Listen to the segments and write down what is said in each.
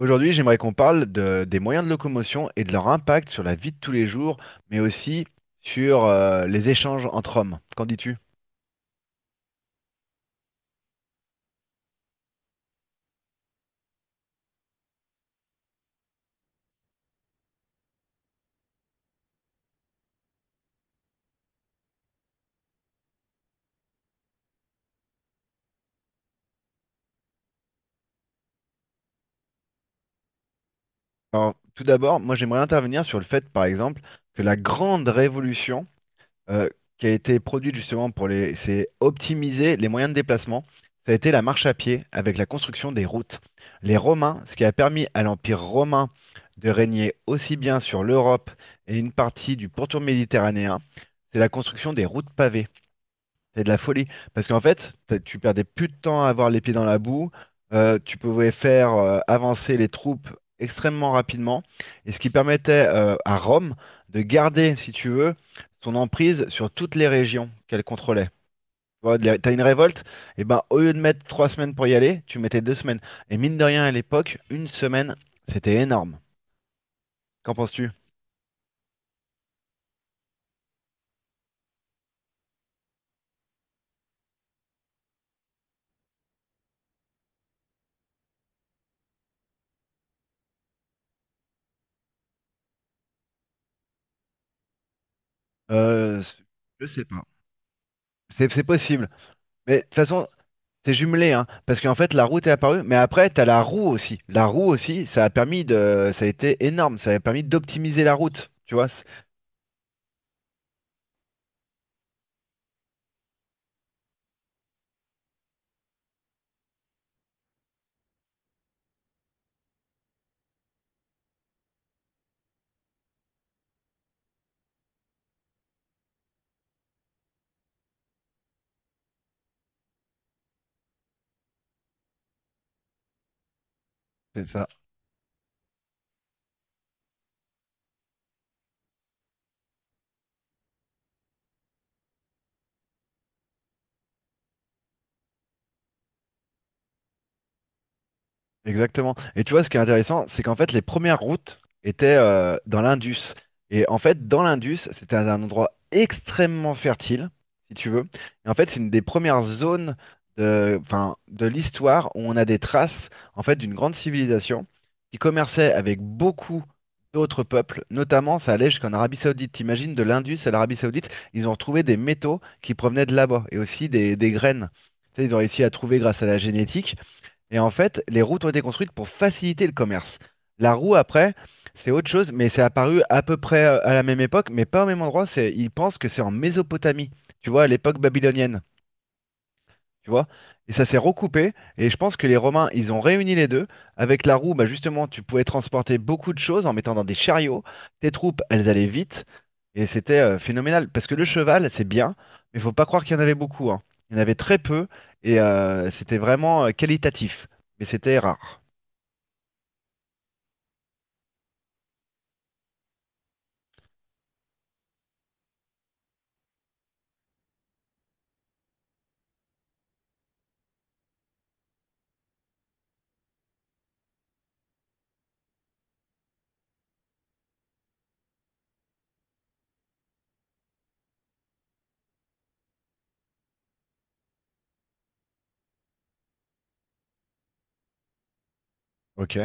Aujourd'hui, j'aimerais qu'on parle des moyens de locomotion et de leur impact sur la vie de tous les jours, mais aussi sur les échanges entre hommes. Qu'en dis-tu? Alors, tout d'abord, moi j'aimerais intervenir sur le fait, par exemple, que la grande révolution euh, qui a été produite justement pour les, c'est optimiser les moyens de déplacement. Ça a été la marche à pied avec la construction des routes. Les Romains, ce qui a permis à l'Empire romain de régner aussi bien sur l'Europe et une partie du pourtour méditerranéen, c'est la construction des routes pavées. C'est de la folie. Parce qu'en fait, tu perdais plus de temps à avoir les pieds dans la boue. Tu pouvais faire avancer les troupes extrêmement rapidement. Et ce qui permettait à Rome de garder, si tu veux, son emprise sur toutes les régions qu'elle contrôlait. Tu vois, t'as une révolte, et ben au lieu de mettre 3 semaines pour y aller, tu mettais 2 semaines. Et mine de rien, à l'époque, une semaine, c'était énorme. Qu'en penses-tu? Euh, c- je sais pas. C'est possible. Mais de toute façon, c'est jumelé, hein, parce qu'en fait la route est apparue, mais après t'as la roue aussi. La roue aussi, ça a permis de, ça a été énorme, ça a permis d'optimiser la route, tu vois. C'est- Exactement. Et tu vois, ce qui est intéressant, c'est qu'en fait, les premières routes étaient dans l'Indus. Et en fait, dans l'Indus, c'était un endroit extrêmement fertile, si tu veux. Et en fait, c'est une des premières zones de, enfin, de l'histoire où on a des traces, en fait, d'une grande civilisation qui commerçait avec beaucoup d'autres peuples. Notamment, ça allait jusqu'en Arabie Saoudite. T'imagines, de l'Indus à l'Arabie Saoudite, ils ont retrouvé des métaux qui provenaient de là-bas et aussi des graines. Tu sais, ils ont réussi à trouver grâce à la génétique. Et en fait, les routes ont été construites pour faciliter le commerce. La roue, après, c'est autre chose, mais c'est apparu à peu près à la même époque, mais pas au même endroit. C'est, ils pensent que c'est en Mésopotamie, tu vois, à l'époque babylonienne, tu vois. Et ça s'est recoupé, et je pense que les Romains, ils ont réuni les deux. Avec la roue, bah justement, tu pouvais transporter beaucoup de choses en mettant dans des chariots. Tes troupes, elles allaient vite, et c'était phénoménal. Parce que le cheval, c'est bien, mais faut pas croire qu'il y en avait beaucoup, hein. Il y en avait très peu, et c'était vraiment qualitatif, mais c'était rare. Ok.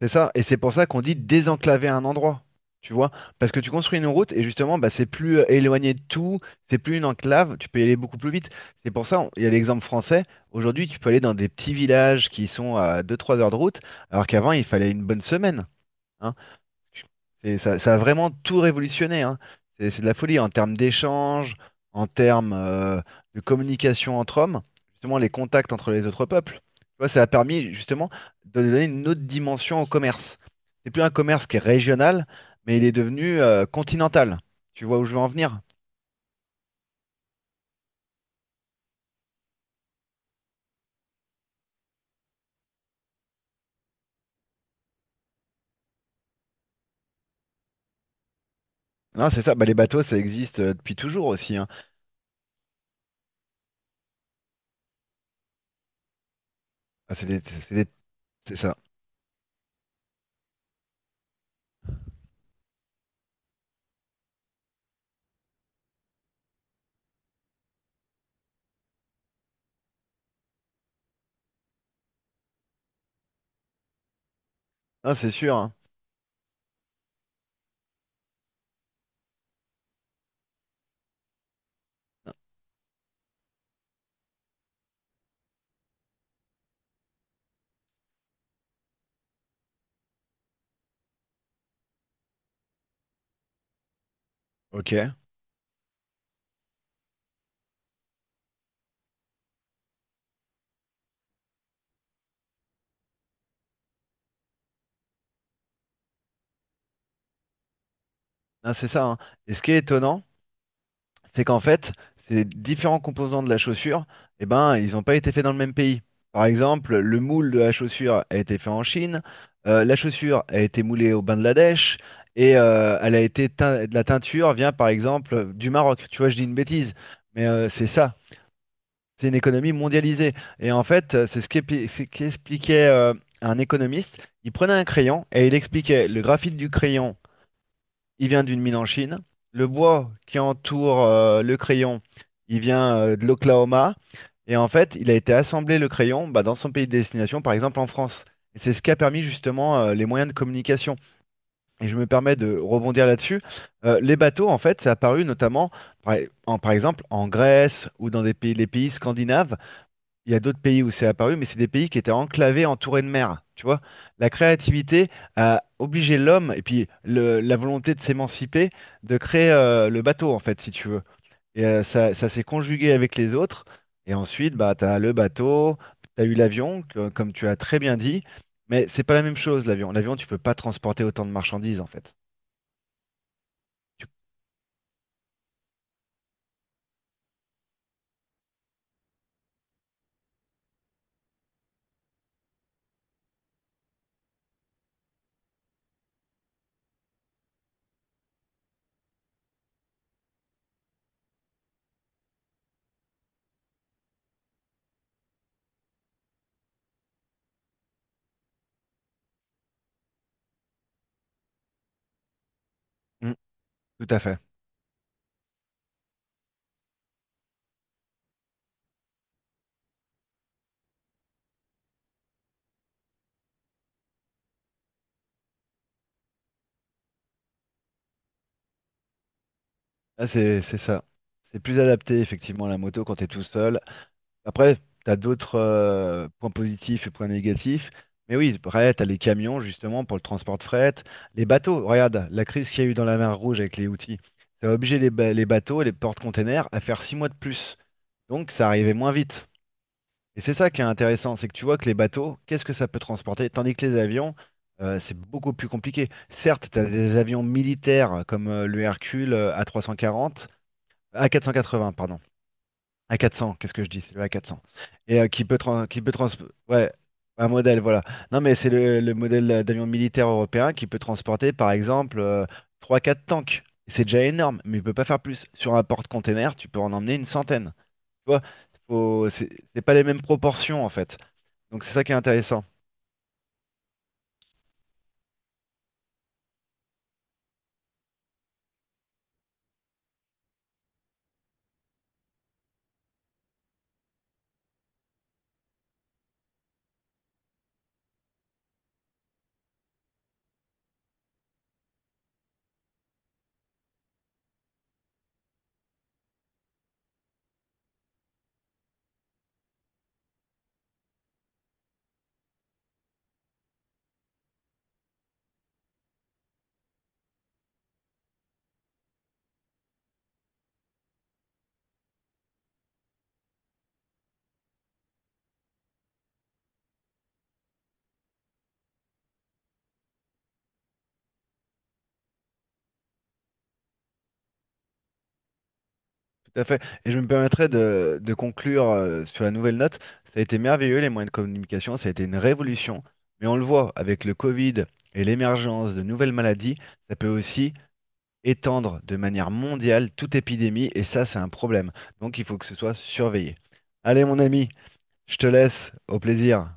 C'est ça, et c'est pour ça qu'on dit désenclaver un endroit, tu vois, parce que tu construis une route et justement, bah, c'est plus éloigné de tout, c'est plus une enclave, tu peux y aller beaucoup plus vite. C'est pour ça, il y a l'exemple français, aujourd'hui tu peux aller dans des petits villages qui sont à 2-3 heures de route, alors qu'avant il fallait une bonne semaine, hein. Ça, ça a vraiment tout révolutionné, hein. C'est de la folie en termes d'échanges, en termes de communication entre hommes, justement les contacts entre les autres peuples. Tu vois, ça a permis justement de donner une autre dimension au commerce. C'est plus un commerce qui est régional, mais il est devenu continental. Tu vois où je veux en venir? Non, c'est ça. Bah, les bateaux, ça existe depuis toujours aussi, hein. Ah, c'est des- c'est des- c'est ça. Non, c'est sûr, hein. Ok. Non, c'est ça, hein. Et ce qui est étonnant, c'est qu'en fait, ces différents composants de la chaussure, eh ben, ils n'ont pas été faits dans le même pays. Par exemple, le moule de la chaussure a été fait en Chine, la chaussure a été moulée au Bangladesh, et elle a été de la teinture vient par exemple du Maroc. Tu vois, je dis une bêtise, mais c'est ça. C'est une économie mondialisée. Et en fait, c'est ce qu'expliquait un économiste. Il prenait un crayon et il expliquait le graphite du crayon, il vient d'une mine en Chine. Le bois qui entoure le crayon, il vient de l'Oklahoma. Et en fait, il a été assemblé le crayon bah, dans son pays de destination, par exemple en France. Et c'est ce qui a permis justement les moyens de communication. Et je me permets de rebondir là-dessus. Les bateaux, en fait, c'est apparu notamment, par exemple, en Grèce ou dans des pays, les pays scandinaves. Il y a d'autres pays où c'est apparu, mais c'est des pays qui étaient enclavés, entourés de mer. Tu vois, la créativité a obligé l'homme, et puis la volonté de s'émanciper, de créer le bateau, en fait, si tu veux. Et ça, ça s'est conjugué avec les autres. Et ensuite, bah, tu as le bateau, tu as eu l'avion, comme tu as très bien dit. Mais c'est pas la même chose, l'avion. L'avion, tu peux pas transporter autant de marchandises, en fait. Tu- Mm, tout à fait. Ah, c'est ça. C'est plus adapté, effectivement, à la moto quand tu es tout seul. Après, tu as d'autres points positifs et points négatifs. Mais oui, après, tu as les camions, justement, pour le transport de fret. Les bateaux, regarde, la crise qu'il y a eu dans la mer Rouge avec les outils, ça a obligé les bateaux et les porte-containers à faire 6 mois de plus. Donc, ça arrivait moins vite. Et c'est ça qui est intéressant, c'est que tu vois que les bateaux, qu'est-ce que ça peut transporter? Tandis que les avions, c'est beaucoup plus compliqué. Certes, tu as des avions militaires comme le Hercule A340, A480, pardon. A400, qu'est-ce que je dis? C'est le A400. Et qui peut ouais, un modèle, voilà. Non, mais c'est le modèle d'avion militaire européen qui peut transporter, par exemple, trois quatre tanks. C'est déjà énorme, mais il peut pas faire plus. Sur un porte-container, tu peux en emmener une centaine. Tu vois, c'est pas les mêmes proportions, en fait. Donc c'est ça qui est intéressant. Tout à fait. Et je me permettrai de conclure sur la nouvelle note. Ça a été merveilleux, les moyens de communication, ça a été une révolution. Mais on le voit avec le Covid et l'émergence de nouvelles maladies, ça peut aussi étendre de manière mondiale toute épidémie, et ça, c'est un problème. Donc il faut que ce soit surveillé. Allez, mon ami, je te laisse, au plaisir.